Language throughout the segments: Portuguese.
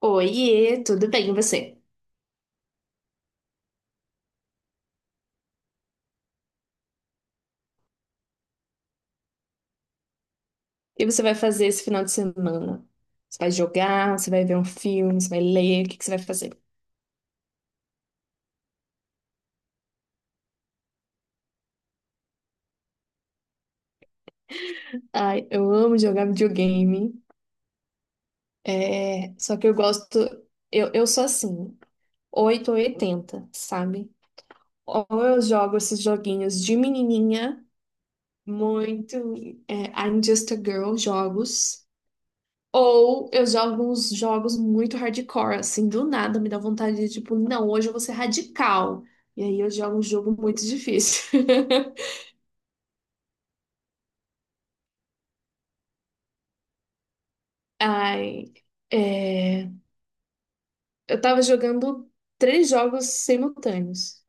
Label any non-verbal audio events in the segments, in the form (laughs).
Oiê, tudo bem, e você? O que você vai fazer esse final de semana? Você vai jogar, você vai ver um filme, você vai ler, o que que você vai fazer? Ai, eu amo jogar videogame, só que eu gosto, eu sou assim, 8 ou 80, sabe? Ou eu jogo esses joguinhos de menininha, muito, I'm Just a Girl jogos. Ou eu jogo uns jogos muito hardcore, assim, do nada me dá vontade de, tipo, não, hoje eu vou ser radical. E aí eu jogo um jogo muito difícil. (laughs) Ai, é, eu tava jogando três jogos simultâneos,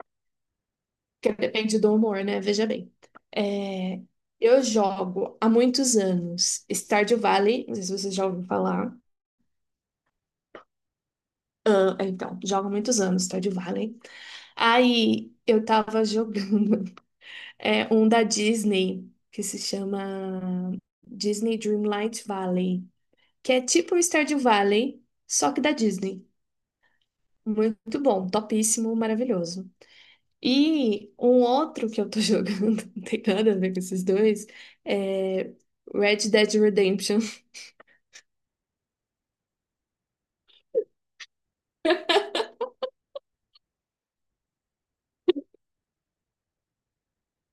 que depende do humor, né? Veja bem. É, eu jogo há muitos anos Stardew Valley, não sei se vocês já ouviram falar. Ah, então, jogo há muitos anos Stardew Valley. Aí eu tava jogando. É um da Disney, que se chama Disney Dreamlight Valley, que é tipo o Stardew Valley, só que da Disney. Muito bom, topíssimo, maravilhoso. E um outro que eu tô (laughs) jogando, não tem nada a ver com esses dois, é Red Dead Redemption. (laughs)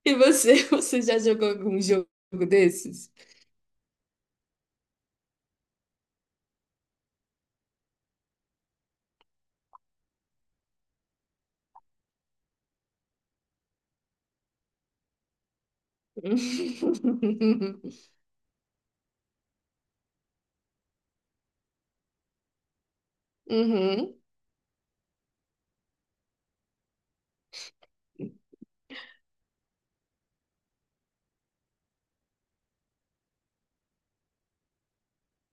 E você, você já jogou algum jogo desses? (laughs) Uhum.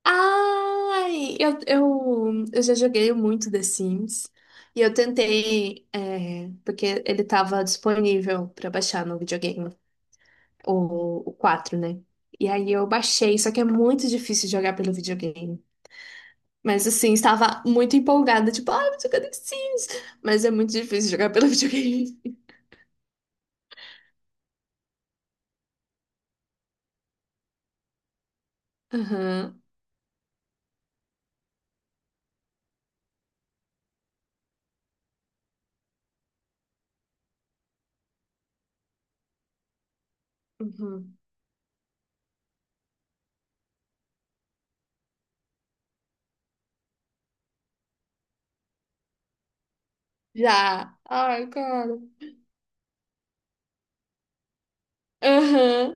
Ai, eu já joguei muito The Sims. E eu tentei, porque ele estava disponível para baixar no videogame, o 4, né? E aí eu baixei, só que é muito difícil jogar pelo videogame. Mas assim, estava muito empolgada, tipo, ai, vou jogar The Sims. Mas é muito difícil jogar pelo videogame. (laughs) Aham, uhum. Já. Ai, cara. Aham.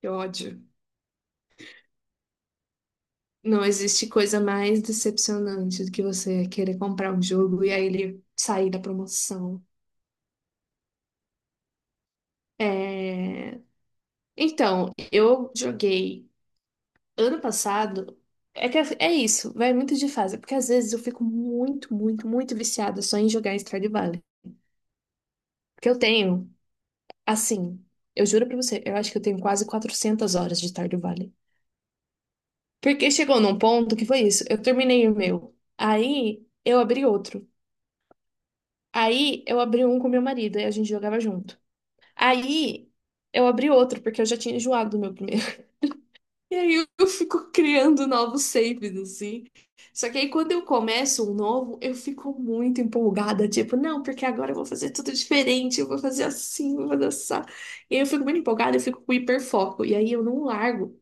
Que ódio. Não existe coisa mais decepcionante do que você querer comprar um jogo e aí ele sair da promoção. É, Então, eu joguei ano passado. É que é isso, vai muito de fase, porque às vezes eu fico muito, muito, muito viciada só em jogar em Stardew Valley. Porque eu tenho, assim, eu juro pra você, eu acho que eu tenho quase 400 horas de Stardew Valley. Porque chegou num ponto que foi isso, eu terminei o meu, aí eu abri outro. Aí eu abri um com meu marido e a gente jogava junto. Aí eu abri outro, porque eu já tinha enjoado do meu primeiro. (laughs) E aí eu fico criando novos saves, assim. Só que aí quando eu começo um novo, eu fico muito empolgada, tipo, não, porque agora eu vou fazer tudo diferente, eu vou fazer assim, eu vou dançar. E aí eu fico muito empolgada, eu fico com hiperfoco. E aí eu não largo.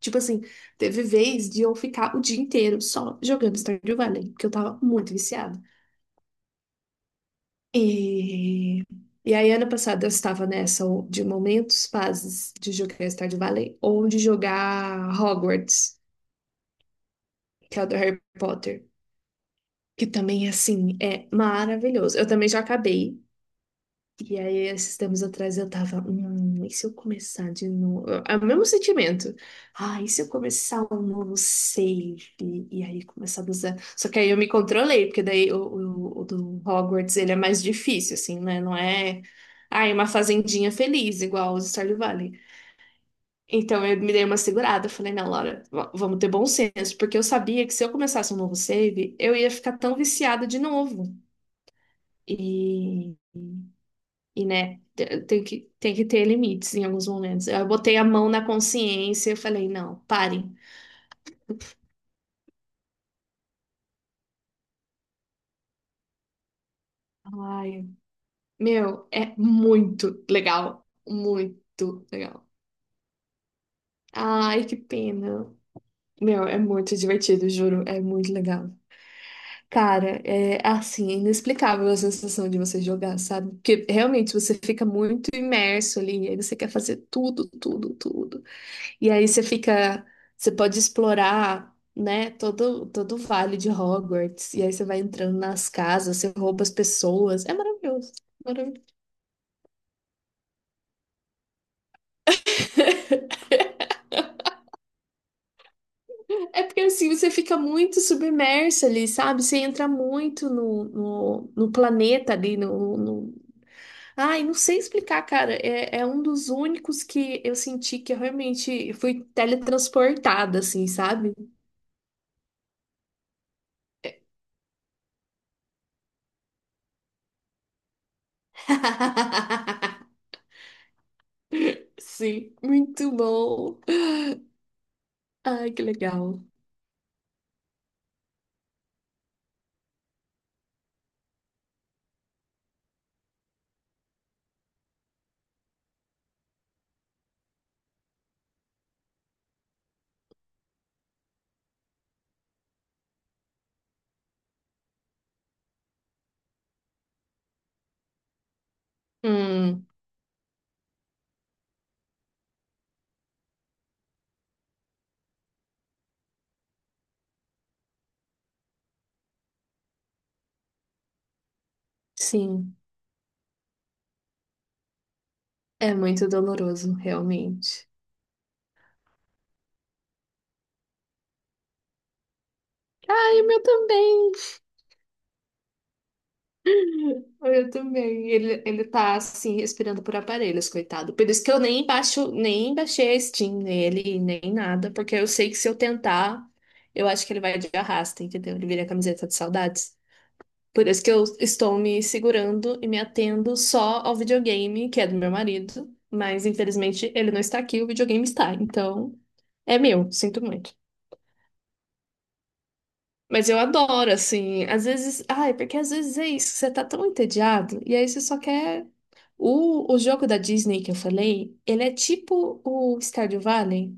Tipo assim, teve vez de eu ficar o dia inteiro só jogando Stardew Valley, porque eu tava muito viciada. E, e aí, ano passado, eu estava nessa de momentos fases de jogar Stardew Valley ou de jogar Hogwarts, que é o do Harry Potter, que também, assim, é maravilhoso. Eu também já acabei. E aí, esses tempos atrás, eu tava, e se eu começar de novo? É o mesmo sentimento. Ah, e se eu começar um novo save? E aí, começar do zero. Só que aí eu me controlei, porque daí o do Hogwarts, ele é mais difícil, assim, né? Não é, ah, é uma fazendinha feliz, igual os Stardew Valley. Então, eu me dei uma segurada. Eu falei, não, Laura, vamos ter bom senso. Porque eu sabia que se eu começasse um novo save, eu ia ficar tão viciada de novo. E... E, né, tem que, ter limites em alguns momentos. Eu botei a mão na consciência e falei, não, parem. Ai, meu, é muito legal. Muito legal. Ai, que pena. Meu, é muito divertido, juro. É muito legal. Cara, é assim, inexplicável a sensação de você jogar, sabe? Porque realmente você fica muito imerso ali, aí você quer fazer tudo, tudo, tudo. E aí você fica, você pode explorar, né, todo o vale de Hogwarts. E aí você vai entrando nas casas, você rouba as pessoas. É maravilhoso. Maravilhoso. É porque assim você fica muito submerso ali, sabe? Você entra muito no planeta ali, no... Ai, não sei explicar, cara. É um dos únicos que eu senti que eu realmente fui teletransportada, assim, sabe? (laughs) Sim, muito bom. Ai, que legal. Hum, sim, é muito doloroso, realmente. Ai, o meu também. O meu também. Ele tá assim, respirando por aparelhos, coitado. Por isso que eu nem baixo, nem baixei a Steam nele, nem nada, porque eu sei que se eu tentar, eu acho que ele vai de arrasta, entendeu? Ele vira camiseta de saudades. Por isso que eu estou me segurando e me atendo só ao videogame, que é do meu marido. Mas infelizmente ele não está aqui, o videogame está. Então, é meu, sinto muito. Mas eu adoro, assim. Às vezes. Ai, porque às vezes é isso. Você tá tão entediado. E aí você só quer. O jogo da Disney que eu falei, ele é tipo o Stardew Valley.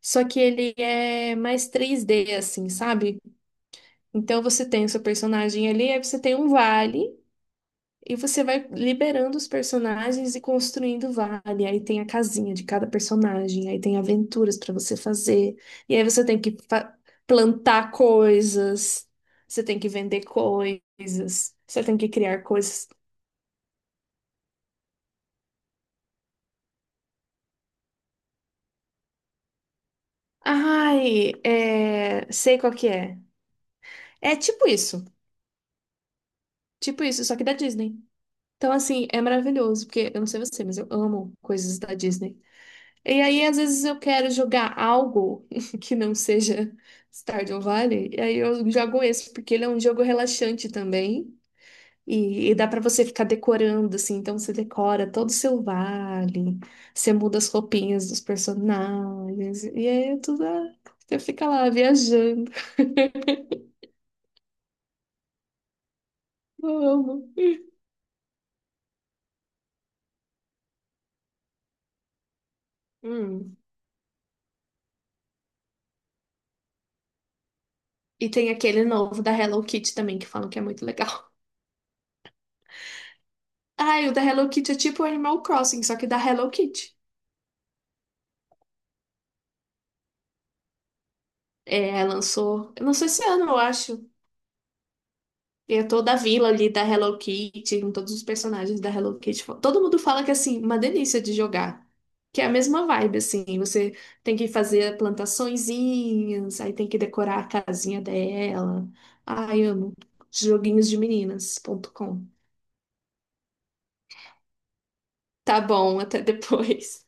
Só que ele é mais 3D, assim, sabe? Então você tem o seu personagem ali, aí você tem um vale. E você vai liberando os personagens e construindo vale. Aí tem a casinha de cada personagem, aí tem aventuras pra você fazer. E aí você tem que plantar coisas, você tem que vender coisas, você tem que criar coisas. Ai, é... sei qual que é. É tipo isso, só que da Disney. Então, assim, é maravilhoso, porque eu não sei você, mas eu amo coisas da Disney. E aí, às vezes, eu quero jogar algo (laughs) que não seja Stardew Valley, e aí eu jogo esse, porque ele é um jogo relaxante também, e dá pra você ficar decorando, assim, então você decora todo o seu vale, você muda as roupinhas dos personagens, e aí é tudo, ah, você fica lá viajando. Eu amo. Hum. E tem aquele novo da Hello Kitty também, que falam que é muito legal. (laughs) Ah, e o da Hello Kitty é tipo Animal Crossing, só que da Hello Kitty. É, lançou, eu não sei se ano, eu acho. E é toda a vila ali da Hello Kitty, com todos os personagens da Hello Kitty. Todo mundo fala que, assim, uma delícia de jogar. Que é a mesma vibe, assim. Você tem que fazer plantaçõezinhas, aí tem que decorar a casinha dela. Ai, amo. Joguinhos de Joguinhosdemeninas.com. Tá bom, até (laughs) depois.